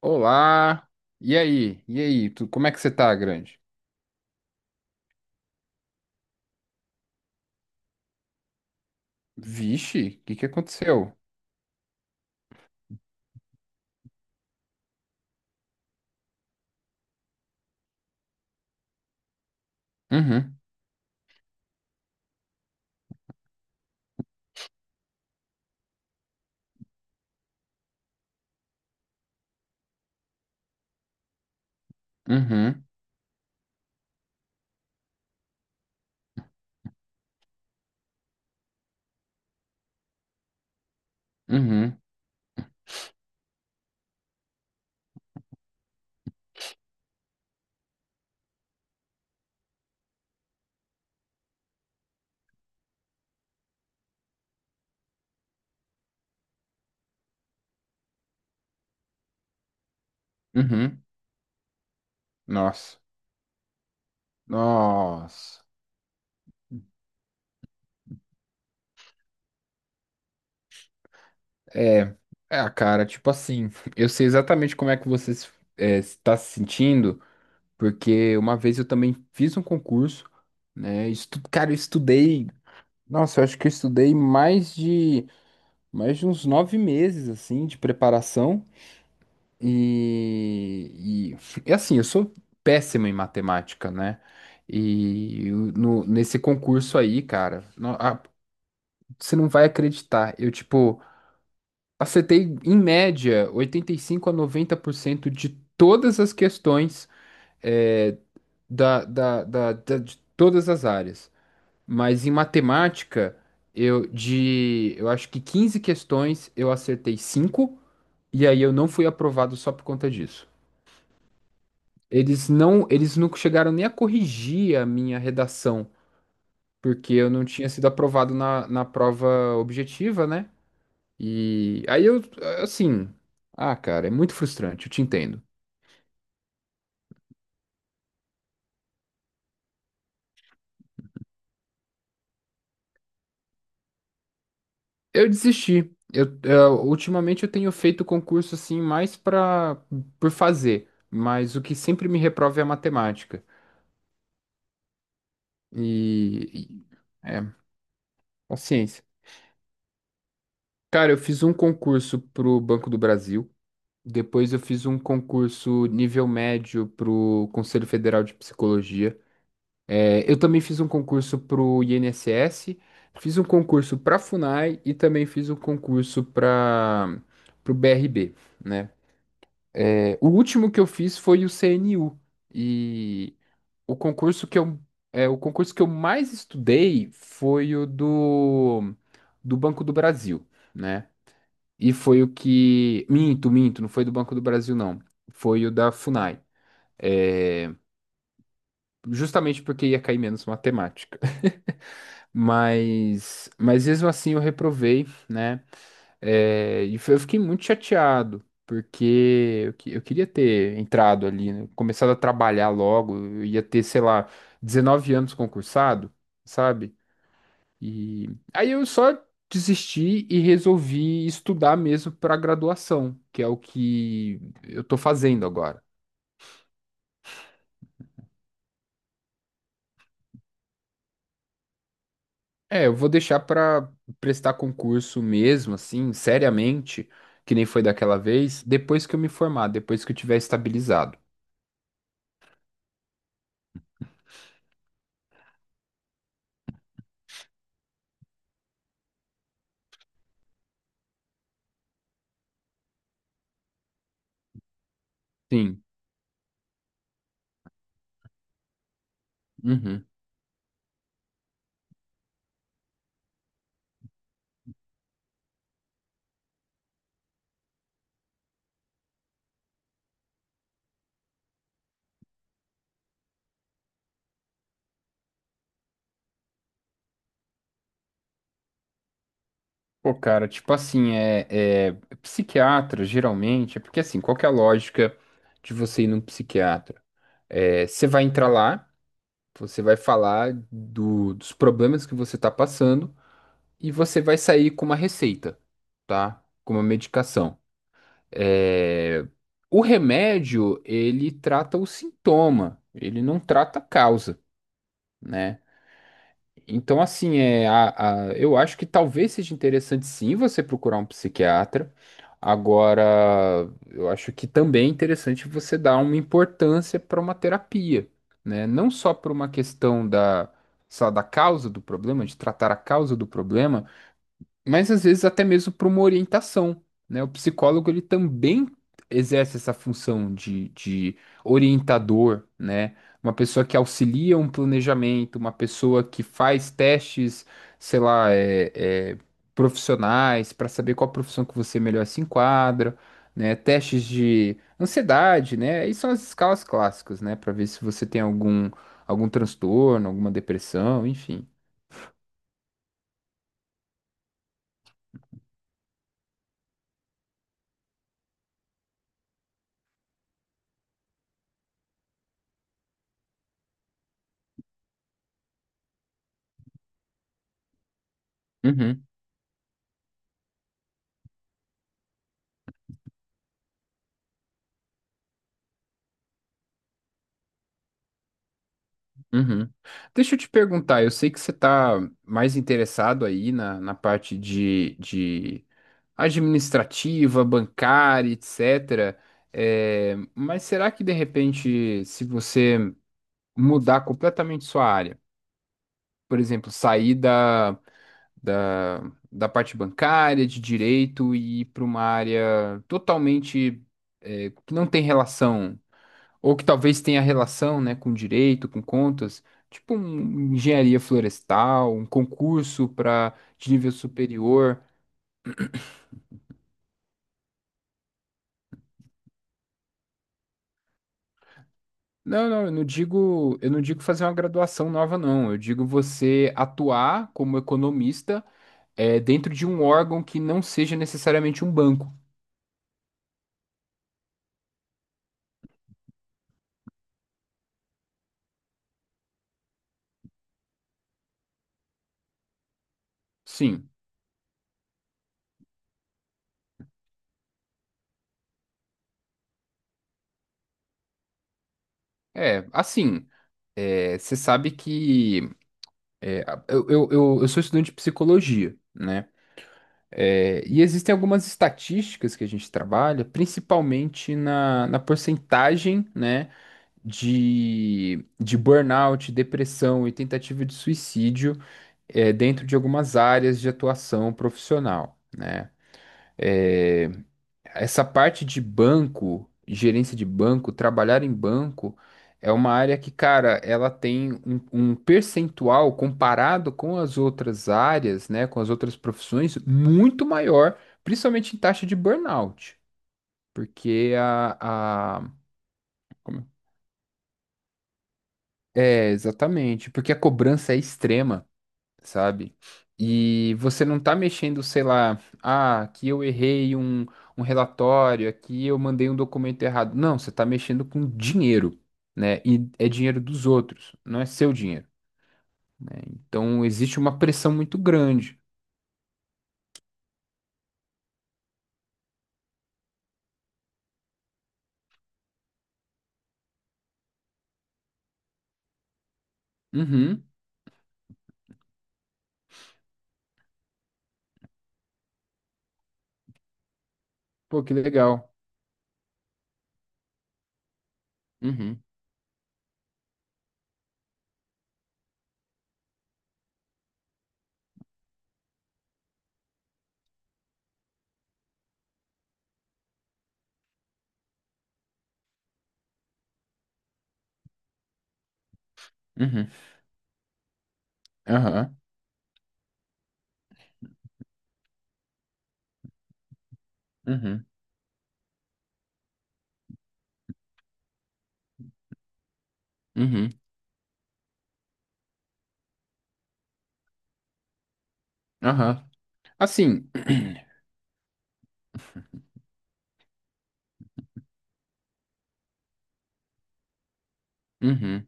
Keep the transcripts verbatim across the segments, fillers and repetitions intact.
Olá! E aí? E aí? Tu, como é que você tá, grande? Vixe, o que que aconteceu? Uhum, uhum, uhum, uhum. Nossa, nossa. É, é, cara, tipo assim, eu sei exatamente como é que você se- é, está se sentindo, porque uma vez eu também fiz um concurso, né? Estu, cara, eu estudei, nossa, eu acho que eu estudei mais de, mais de uns nove meses, assim, de preparação. E, e, e assim, eu sou péssimo em matemática, né? E eu- no, Nesse concurso aí, cara, não- a- você não vai acreditar. Eu, tipo, acertei em média oitenta e cinco a noventa por cento de todas as questões é, da, da, da, da- de todas as áreas. Mas em matemática, eu de, eu acho que quinze questões eu acertei cinco, e aí eu não fui aprovado só por conta disso. Eles não, eles não chegaram nem a corrigir a minha redação, porque eu não tinha sido aprovado na, na prova objetiva, né? E aí eu, assim, ah, cara, é muito frustrante, eu te entendo. Eu desisti. Eu, eu- ultimamente eu tenho feito concurso assim mais para por fazer, mas o que sempre me reprova é a matemática. E, e- é, Paciência. Cara, eu fiz um concurso pro Banco do Brasil. Depois eu fiz um concurso nível médio pro Conselho Federal de Psicologia. É, eu também fiz um concurso pro INSS, fiz um concurso pra FUNAI e também fiz um concurso para pro B R B, né? É, o último que eu fiz foi o C N U e o concurso que eu é, o concurso que eu mais estudei foi o do do Banco do Brasil, né? E foi o que. Minto, minto, não foi do Banco do Brasil, não. Foi o da Funai. É, justamente porque ia cair menos matemática. Mas, mas mesmo assim eu reprovei, né? É. E foi- eu fiquei muito chateado, porque eu, que- eu queria ter entrado ali, né? Começado a trabalhar logo. Eu ia ter, sei lá, dezenove anos concursado, sabe? E aí eu só desisti e resolvi estudar mesmo para graduação, que é o que eu tô fazendo agora. É, eu vou deixar para prestar concurso mesmo, assim, seriamente, que nem foi daquela vez, depois que eu me formar, depois que eu tiver estabilizado. Sim. Uhum. Pô, cara, tipo assim, é, é psiquiatra, geralmente, é porque assim, qual que é a lógica de você ir num psiquiatra? É, você vai entrar lá. Você vai falar do- dos problemas que você está passando, e você vai sair com uma receita, tá? Com uma medicação. É, o remédio, ele trata o sintoma, ele não trata a causa, né? Então, assim, é, a, a- eu acho que talvez seja interessante sim você procurar um psiquiatra. Agora, eu acho que também é interessante você dar uma importância para uma terapia, né? Não só por uma questão da, sei da causa do problema, de tratar a causa do problema, mas às vezes até mesmo para uma orientação, né? O psicólogo ele também exerce essa função de, de orientador, né? Uma pessoa que auxilia um planejamento, uma pessoa que faz testes, sei lá, é, é, profissionais para saber qual profissão que você melhor se enquadra, né? Testes de ansiedade, né? Aí são as escalas clássicas, né? Para ver se você tem algum algum transtorno, alguma depressão, enfim. Uhum. Uhum. Deixa eu te perguntar, eu sei que você está mais interessado aí na, na parte de, de administrativa, bancária, etcétera. É, mas será que de repente, se você mudar completamente sua área, por exemplo, sair da, da, da parte bancária, de direito e ir para uma área totalmente, é, que não tem relação. Ou que talvez tenha relação, né, com direito, com contas, tipo um engenharia florestal, um concurso para de nível superior. Não, não, eu não digo, eu não digo fazer uma graduação nova, não. Eu digo você atuar como economista, é, dentro de um órgão que não seja necessariamente um banco. Sim, é, assim, é, você sabe que é, eu, eu, eu eu sou estudante de psicologia, né? É, e existem algumas estatísticas que a gente trabalha, principalmente na, na porcentagem, né, de, de burnout, depressão e tentativa de suicídio, é, dentro de algumas áreas de atuação profissional, né? É, essa parte de banco, gerência de banco, trabalhar em banco, é uma área que, cara, ela tem um, um percentual comparado com as outras áreas, né, com as outras profissões, muito maior, principalmente em taxa de burnout. porque a, a... É, exatamente, porque a cobrança é extrema. Sabe? E você não tá mexendo, sei lá, ah, aqui eu errei um, um relatório, aqui eu mandei um documento errado. Não, você tá mexendo com dinheiro, né? E é dinheiro dos outros, não é seu dinheiro, né? Então existe uma pressão muito grande. Uhum. Pô, que legal. Uhum. Uhum. Aham. Uhum. Uhum. Aham. Assim. Uhum.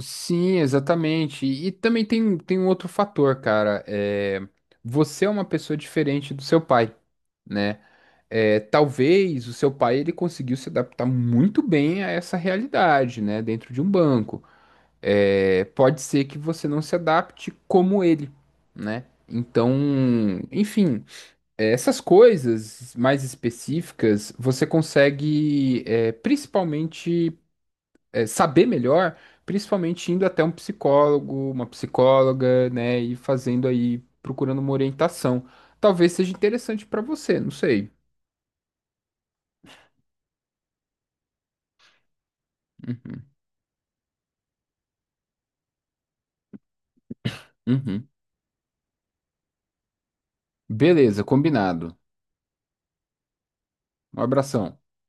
Sim, exatamente. E também tem, tem um outro fator, cara. É, você é uma pessoa diferente do seu pai, né? É, talvez o seu pai ele conseguiu se adaptar muito bem a essa realidade, né? Dentro de um banco. É, pode ser que você não se adapte como ele, né? Então, enfim, é, essas coisas mais específicas você consegue, é, principalmente, é, saber melhor, principalmente indo até um psicólogo, uma psicóloga, né, e fazendo aí, procurando uma orientação. Talvez seja interessante para você, não sei. Uhum. Uhum. Beleza, combinado. Um abração.